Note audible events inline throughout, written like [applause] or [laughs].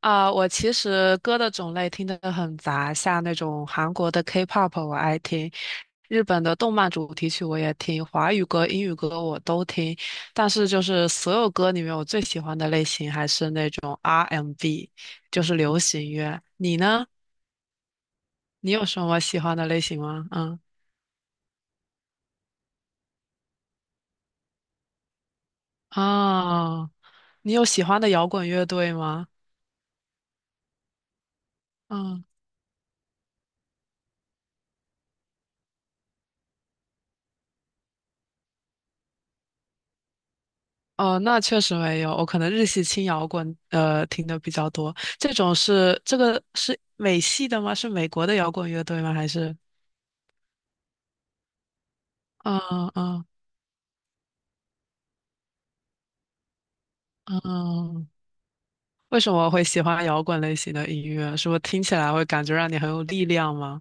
啊、我其实歌的种类听得很杂，像那种韩国的 K-pop 我爱听，日本的动漫主题曲我也听，华语歌、英语歌我都听。但是就是所有歌里面，我最喜欢的类型还是那种 R&B，就是流行乐。你呢？你有什么喜欢的类型吗？嗯，啊、你有喜欢的摇滚乐队吗？嗯。哦，那确实没有，我可能日系轻摇滚听的比较多。这种是这个是美系的吗？是美国的摇滚乐队吗？还是嗯嗯嗯，为什么会喜欢摇滚类型的音乐？是不是听起来会感觉让你很有力量吗？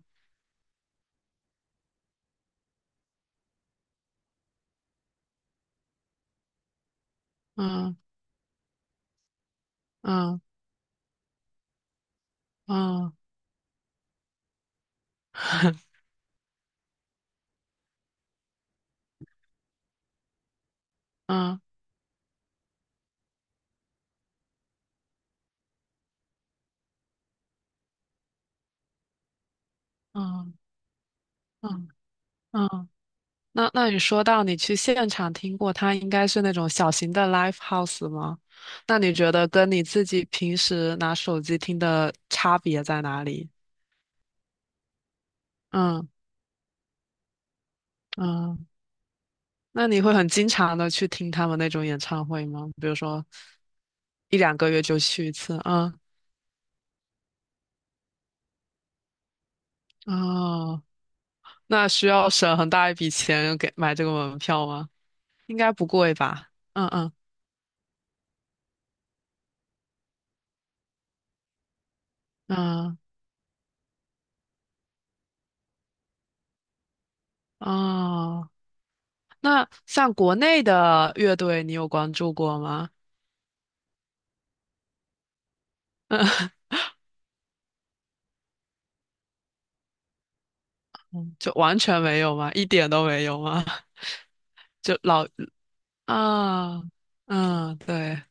嗯嗯嗯 [laughs] 嗯嗯嗯嗯。那你说到你去现场听过，它应该是那种小型的 live house 吗？那你觉得跟你自己平时拿手机听的差别在哪里？嗯嗯，那你会很经常的去听他们那种演唱会吗？比如说一两个月就去一次？啊哦，那需要省很大一笔钱给买这个门票吗？应该不贵吧？嗯嗯嗯啊，那像国内的乐队，你有关注过吗？嗯，[laughs] 就完全没有吗？一点都没有吗？[laughs] 就老啊，嗯，对，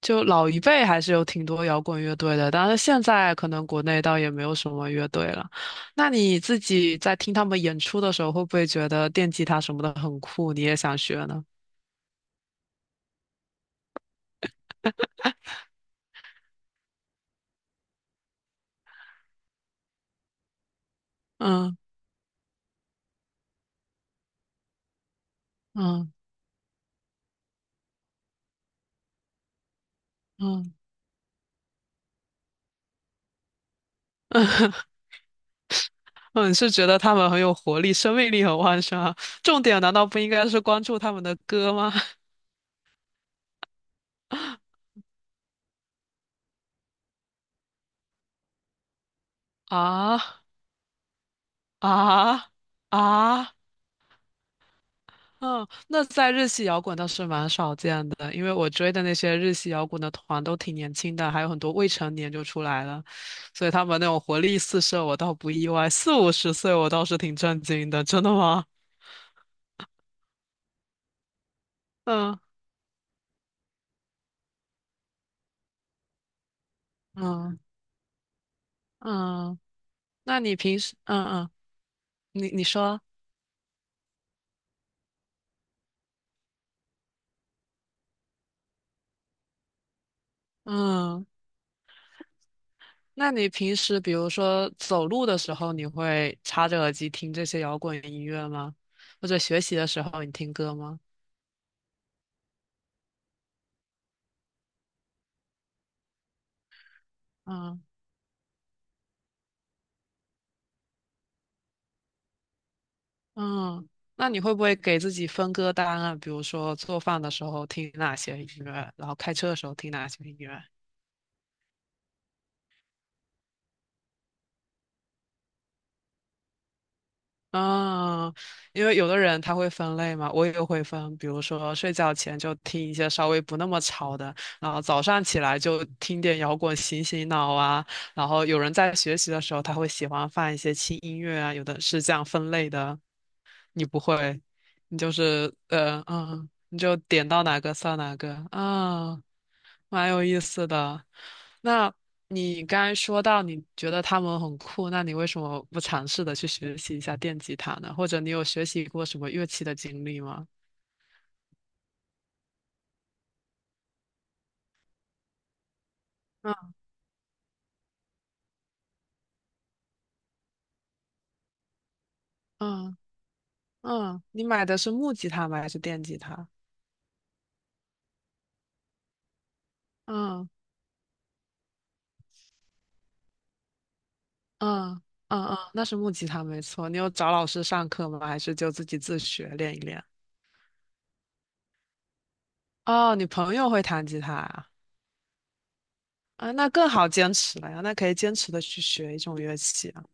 就老一辈还是有挺多摇滚乐队的，但是现在可能国内倒也没有什么乐队了。那你自己在听他们演出的时候，会不会觉得电吉他什么的很酷，你也想学呢？嗯嗯嗯 [laughs] 嗯，是觉得他们很有活力，生命力很旺盛啊。重点难道不应该是关注他们的歌吗？[laughs] 啊啊！啊嗯，那在日系摇滚倒是蛮少见的，因为我追的那些日系摇滚的团都挺年轻的，还有很多未成年就出来了，所以他们那种活力四射，我倒不意外。四五十岁，我倒是挺震惊的。真的吗？[laughs] 嗯嗯嗯，那你平时嗯嗯，你你说嗯，那你平时比如说走路的时候，你会插着耳机听这些摇滚音乐吗？或者学习的时候你听歌吗？嗯。嗯，那你会不会给自己分歌单啊？比如说做饭的时候听哪些音乐，然后开车的时候听哪些音乐？嗯，因为有的人他会分类嘛，我也会分，比如说睡觉前就听一些稍微不那么吵的，然后早上起来就听点摇滚醒醒脑啊，然后有人在学习的时候他会喜欢放一些轻音乐啊，有的是这样分类的。你不会，你就是你就点到哪个算哪个啊，蛮有意思的。那你刚才说到你觉得他们很酷，那你为什么不尝试的去学习一下电吉他呢？或者你有学习过什么乐器的经历吗？嗯嗯嗯，你买的是木吉他吗？还是电吉他？嗯嗯嗯嗯，那是木吉他没错。你有找老师上课吗？还是就自己自学练一练？哦，你朋友会弹吉他啊？啊，那更好坚持了呀，那可以坚持的去学一种乐器啊。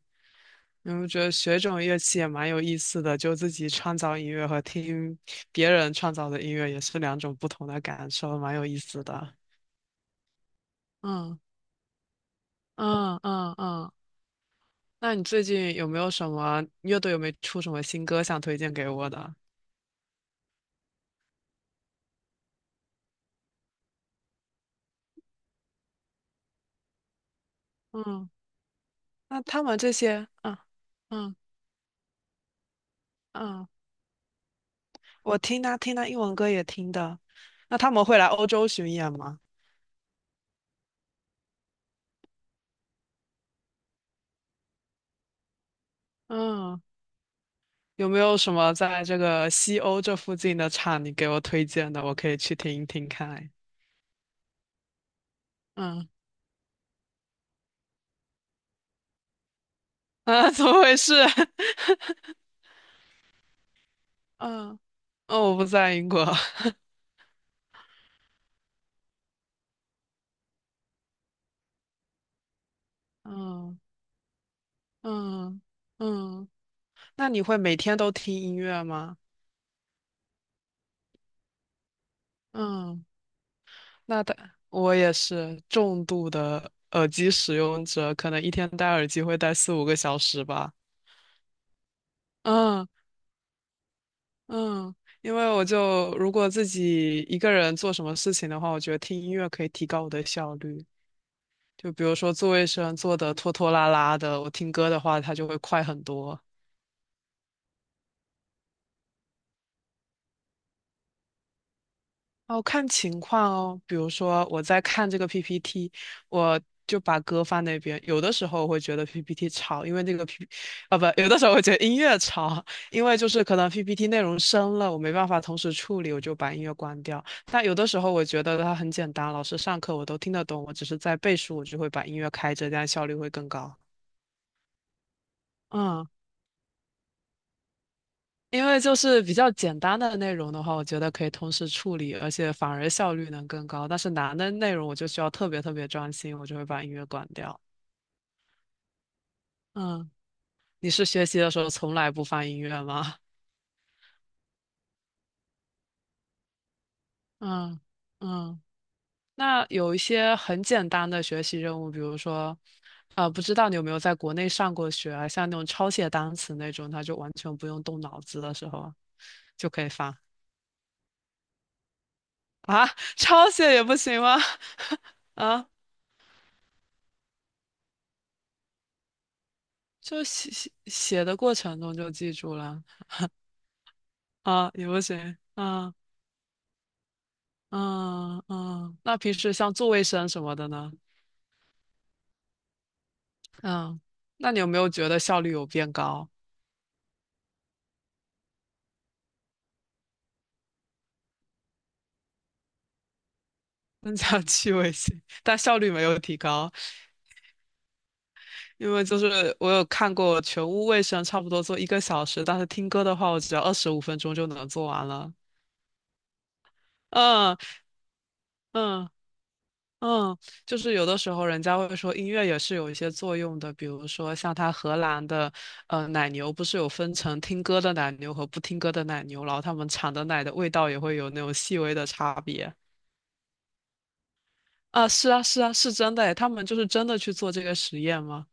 我觉得学一种乐器也蛮有意思的，就自己创造音乐和听别人创造的音乐也是两种不同的感受，蛮有意思的。嗯嗯嗯嗯，那你最近有没有什么乐队有没有出什么新歌想推荐给我的？嗯，那他们这些，嗯嗯嗯，我听他英文歌也听的。那他们会来欧洲巡演吗？嗯。有没有什么在这个西欧这附近的厂你给我推荐的？我可以去听一听看。嗯 [laughs] 啊，怎么回事？[laughs] 嗯哦，我不在英国。[laughs] 嗯嗯嗯，那你会每天都听音乐吗？嗯，那的我也是重度的耳机使用者，可能一天戴耳机会戴四五个小时吧。嗯嗯，因为我就如果自己一个人做什么事情的话，我觉得听音乐可以提高我的效率。就比如说做卫生做的拖拖拉拉的，我听歌的话，它就会快很多。哦，看情况哦，比如说我在看这个 PPT，我就把歌放那边。有的时候我会觉得 PPT 吵，因为那个 啊不，有的时候我觉得音乐吵，因为就是可能 PPT 内容深了，我没办法同时处理，我就把音乐关掉。但有的时候我觉得它很简单，老师上课我都听得懂，我只是在背书，我就会把音乐开着，这样效率会更高。嗯。因为就是比较简单的内容的话，我觉得可以同时处理，而且反而效率能更高。但是难的内容，我就需要特别特别专心，我就会把音乐关掉。嗯，你是学习的时候从来不放音乐吗？[laughs] 嗯嗯，那有一些很简单的学习任务，比如说，啊、不知道你有没有在国内上过学啊？像那种抄写单词那种，它就完全不用动脑子的时候，就可以放啊，[laughs] 抄写也不行吗？[laughs] 啊？就写写写的过程中就记住了啊，也不行，啊嗯嗯。那平时像做卫生什么的呢？嗯，那你有没有觉得效率有变高？增加 [laughs] 趣味性，但效率没有提高，因为就是我有看过全屋卫生差不多做一个小时，但是听歌的话，我只要25分钟就能做完了。嗯嗯。嗯，就是有的时候人家会说音乐也是有一些作用的，比如说像它荷兰的奶牛，不是有分成听歌的奶牛和不听歌的奶牛，然后他们产的奶的味道也会有那种细微的差别。啊，是啊，是啊，是真的诶，他们就是真的去做这个实验吗？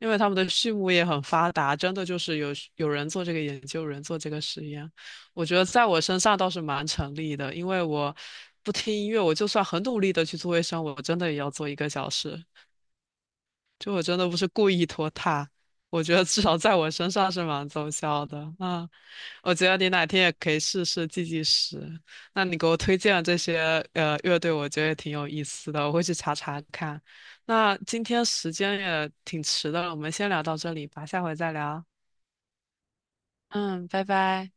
因为他们的畜牧业很发达，真的就是有人做这个研究，有人做这个实验。我觉得在我身上倒是蛮成立的，因为我不听音乐，我就算很努力的去做卫生，我真的也要做一个小时。就我真的不是故意拖沓，我觉得至少在我身上是蛮奏效的。嗯，我觉得你哪天也可以试试计时。那你给我推荐的这些乐队，我觉得也挺有意思的，我会去查查看。那今天时间也挺迟的了，我们先聊到这里吧，下回再聊。嗯，拜拜。